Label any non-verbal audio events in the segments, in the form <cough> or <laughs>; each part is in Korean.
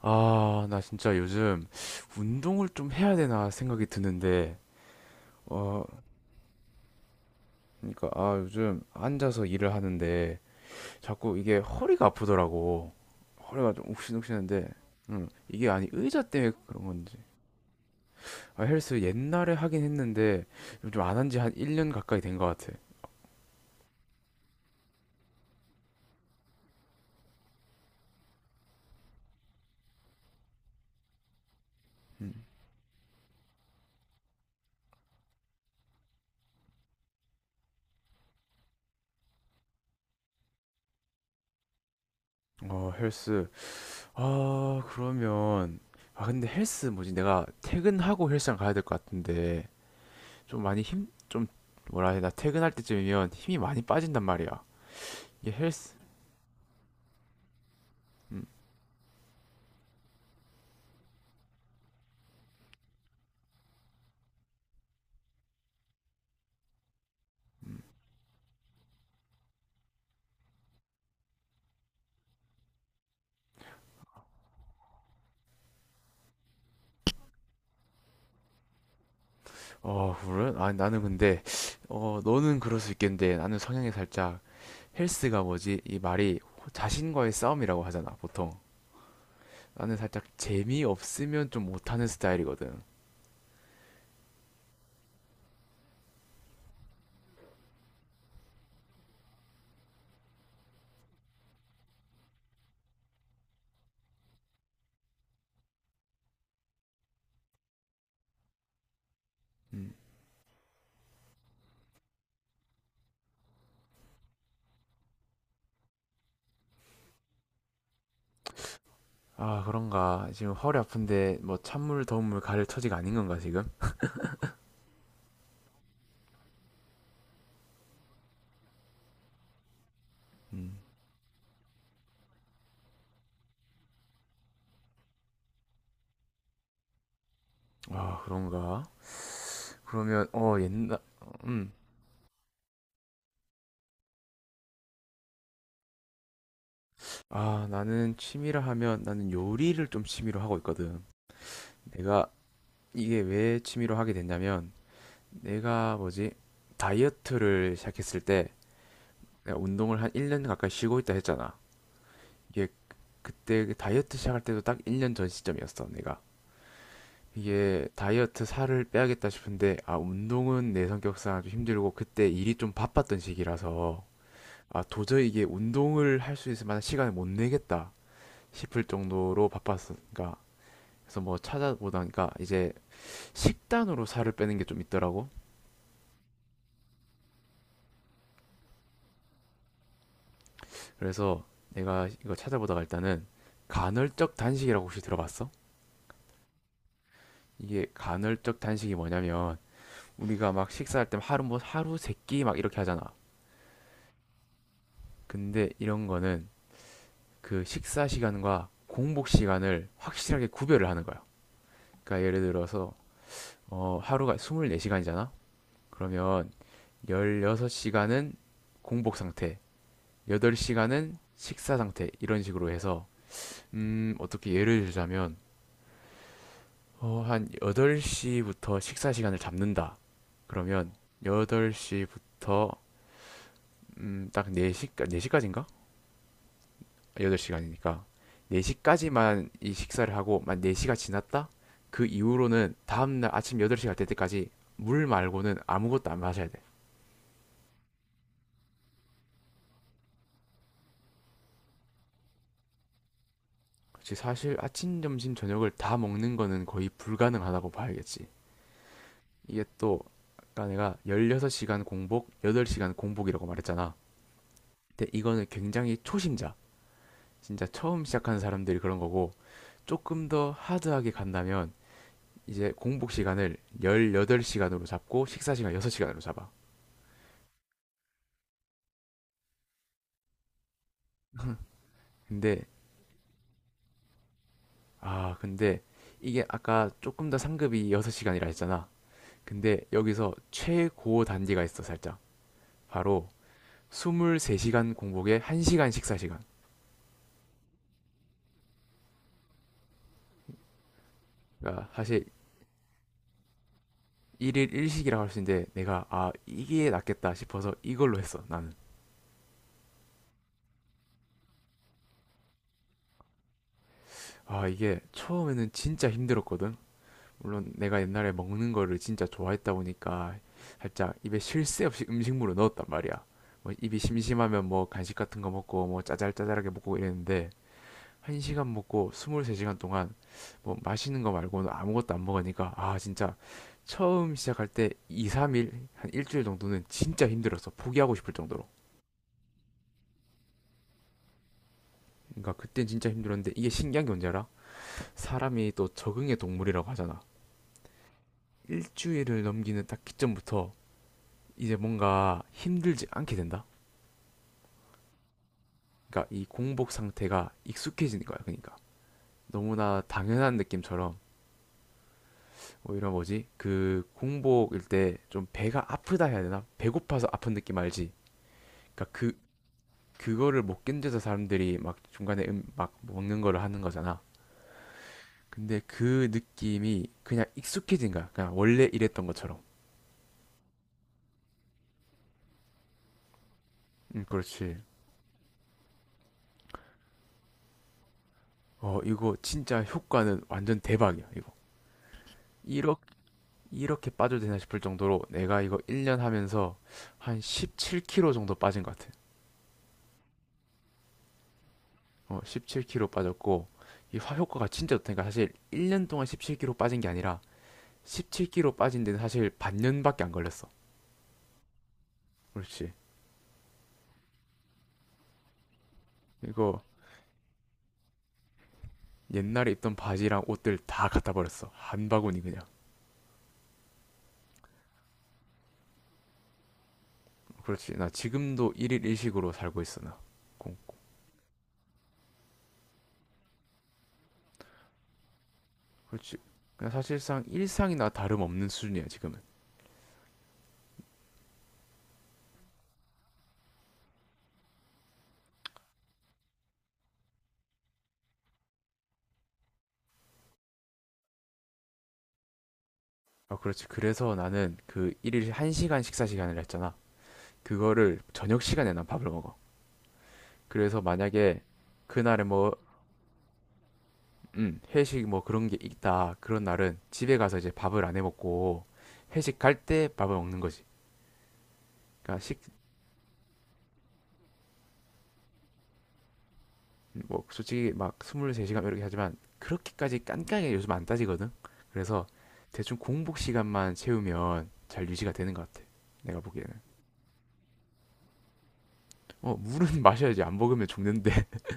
아, 나 진짜 요즘 운동을 좀 해야 되나 생각이 드는데, 어, 그러니까, 아, 요즘 앉아서 일을 하는데 자꾸 이게 허리가 아프더라고. 허리가 좀 욱신욱신한데, 이게 아니 의자 때문에 그런 건지. 아, 헬스 옛날에 하긴 했는데 좀 안 한지 한 1년 가까이 된 것 같아. 음, 어, 헬스. 아, 그러면, 아, 근데 헬스 뭐지? 내가 퇴근하고 헬스장 가야 될 것 같은데, 좀 뭐라 해야 되나 퇴근할 때쯤이면 힘이 많이 빠진단 말이야. 이게 헬스, 음, 래론 아, 나는 근데 너는 그럴 수 있겠는데 나는 성향이 살짝 헬스가 뭐지? 이 말이 자신과의 싸움이라고 하잖아, 보통. 나는 살짝 재미없으면 좀 못하는 스타일이거든. 음. 아, 그런가. 지금 허리 아픈데 뭐 찬물, 더운 물 가릴 처지가 아닌 건가, 지금? 음. 아, 그런가. 그러면 옛날. 음. 아, 나는 취미라 하면 나는 요리를 좀 취미로 하고 있거든. 내가 이게 왜 취미로 하게 됐냐면 내가 뭐지? 다이어트를 시작했을 때 내가 운동을 한 1년 가까이 쉬고 있다 했잖아. 이게 그때 그 다이어트 시작할 때도 딱 1년 전 시점이었어, 내가. 이게 다이어트 살을 빼야겠다 싶은데 아, 운동은 내 성격상 좀 힘들고 그때 일이 좀 바빴던 시기라서 아, 도저히 이게 운동을 할 수 있을 만한 시간을 못 내겠다 싶을 정도로 바빴으니까 그래서 뭐 찾아보다니까 이제 식단으로 살을 빼는 게 좀 있더라고. 그래서 내가 이거 찾아보다가 일단은 간헐적 단식이라고 혹시 들어봤어? 이게 간헐적 단식이 뭐냐면 우리가 막 식사할 때 하루 뭐 하루 세끼 막 이렇게 하잖아. 근데 이런 거는 그 식사 시간과 공복 시간을 확실하게 구별을 하는 거야. 그러니까 예를 들어서 하루가 24시간이잖아. 그러면 16시간은 공복 상태, 8시간은 식사 상태 이런 식으로 해서 어떻게 예를 들자면, 한 8시부터 식사 시간을 잡는다. 그러면 8시부터 딱 시까지인가 8시간이니까. 4시까지만 이 식사를 하고, 만 4시가 지났다? 그 이후로는 다음날 아침 8시 갈 때까지 물 말고는 아무것도 안 마셔야 돼. 그치, 사실 아침, 점심, 저녁을 다 먹는 거는 거의 불가능하다고 봐야겠지. 이게 또, 아까 내가 16시간 공복, 8시간 공복이라고 말했잖아. 근데 이거는 굉장히 초심자, 진짜 처음 시작하는 사람들이 그런 거고 조금 더 하드하게 간다면 이제 공복 시간을 18시간으로 잡고 식사 시간 6시간으로 잡아. <laughs> 근데 근데 이게 아까 조금 더 상급이 6시간이라 했잖아. 근데 여기서 최고 단계가 있어, 살짝. 바로 23시간 공복에 1시간 식사 시간. 그러니까 사실 일일 일식이라고 할 수 있는데 내가 아, 이게 낫겠다 싶어서 이걸로 했어, 나는. 아, 이게 처음에는 진짜 힘들었거든. 물론 내가 옛날에 먹는 거를 진짜 좋아했다 보니까 살짝 입에 쉴 새 없이 음식물을 넣었단 말이야. 뭐 입이 심심하면 뭐 간식 같은 거 먹고 뭐 짜잘짜잘하게 먹고 이랬는데 한 시간 먹고 23시간 동안 뭐 맛있는 거 말고는 아무것도 안 먹으니까 아, 진짜 처음 시작할 때 2, 3일, 한 일주일 정도는 진짜 힘들었어. 포기하고 싶을 정도로. 그러니까 그땐 진짜 힘들었는데 이게 신기한 게 뭔지 알아? 사람이 또 적응의 동물이라고 하잖아. 일주일을 넘기는 딱 기점부터 이제 뭔가 힘들지 않게 된다. 그러니까 이 공복 상태가 익숙해지는 거야. 그러니까 너무나 당연한 느낌처럼 오히려 뭐지? 그 공복일 때 좀 배가 아프다 해야 되나? 배고파서 아픈 느낌 알지? 그러니까 그거를 못 견뎌서 사람들이 막 중간에 막 먹는 거를 하는 거잖아. 근데 그 느낌이 그냥 익숙해진 거야. 그냥 원래 이랬던 것처럼. 그렇지. 어, 이거 진짜 효과는 완전 대박이야, 이거. 이렇게 이렇게 빠져도 되나 싶을 정도로 내가 이거 1년 하면서 한 17kg 정도 빠진 것 같아. 어, 17kg 빠졌고 이 화효과가 진짜 좋다니까 사실 1년 동안 17kg 빠진 게 아니라 17kg 빠진 데는 사실 반년밖에 안 걸렸어. 그렇지. 이거 옛날에 입던 바지랑 옷들 다 갖다 버렸어. 한 바구니 그냥. 그렇지. 나 지금도 일일 일식으로 살고 있어 나. 꽁꽁. 그렇지. 그냥 사실상 일상이나 다름없는 수준이야 지금은. 아, 그렇지. 그래서 나는 그 일일 1시간 식사 시간을 했잖아. 그거를 저녁 시간에 난 밥을 먹어. 그래서 만약에 그날에 뭐, 회식 뭐 그런 게 있다. 그런 날은 집에 가서 이제 밥을 안 해 먹고 회식 갈 때 밥을 먹는 거지. 그러니까 뭐 솔직히 막 23시간 이렇게 하지만 그렇게까지 깐깐하게 요즘 안 따지거든. 그래서 대충 공복 시간만 채우면 잘 유지가 되는 것 같아. 내가 보기에는. 어, 물은 <laughs> 마셔야지. 안 먹으면 죽는데. <laughs>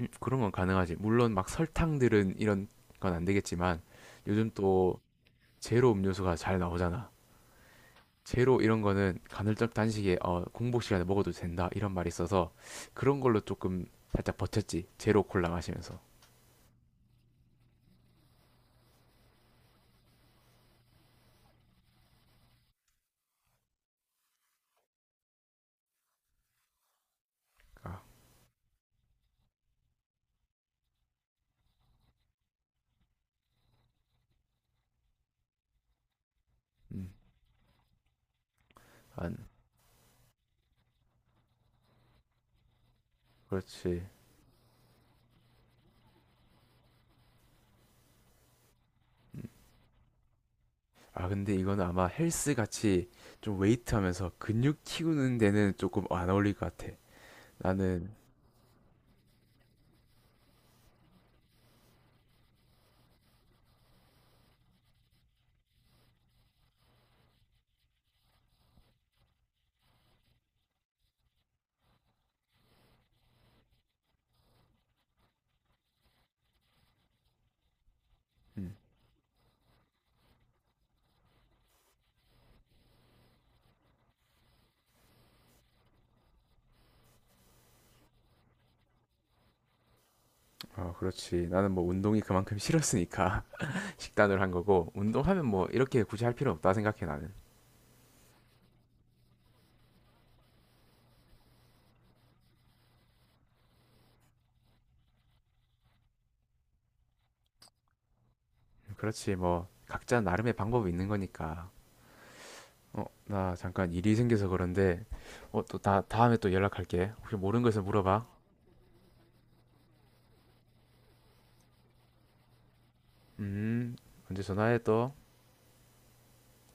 그런 건 가능하지. 물론 막 설탕들은 이런 건 안 되겠지만 요즘 또 제로 음료수가 잘 나오잖아. 제로 이런 거는 간헐적 단식에 공복 시간에 먹어도 된다 이런 말이 있어서 그런 걸로 조금 살짝 버텼지. 제로 콜라 마시면서. 아, 음, 안, 그렇지. 음. 아 근데 이건 아마 헬스 같이 좀 웨이트 하면서 근육 키우는 데는 조금 안 어울릴 것 같아. 나는. 음, 그렇지. 나는 뭐 운동이 그만큼 싫었으니까 <laughs> 식단을 한 거고 운동하면 뭐 이렇게 굳이 할 필요 없다 생각해 나는. 그렇지, 뭐 각자 나름의 방법이 있는 거니까. 나 잠깐 일이 생겨서 그런데, 또 다음에 또 연락할게. 혹시 모르는 거을 물어봐. 음, 언제 전화해 또.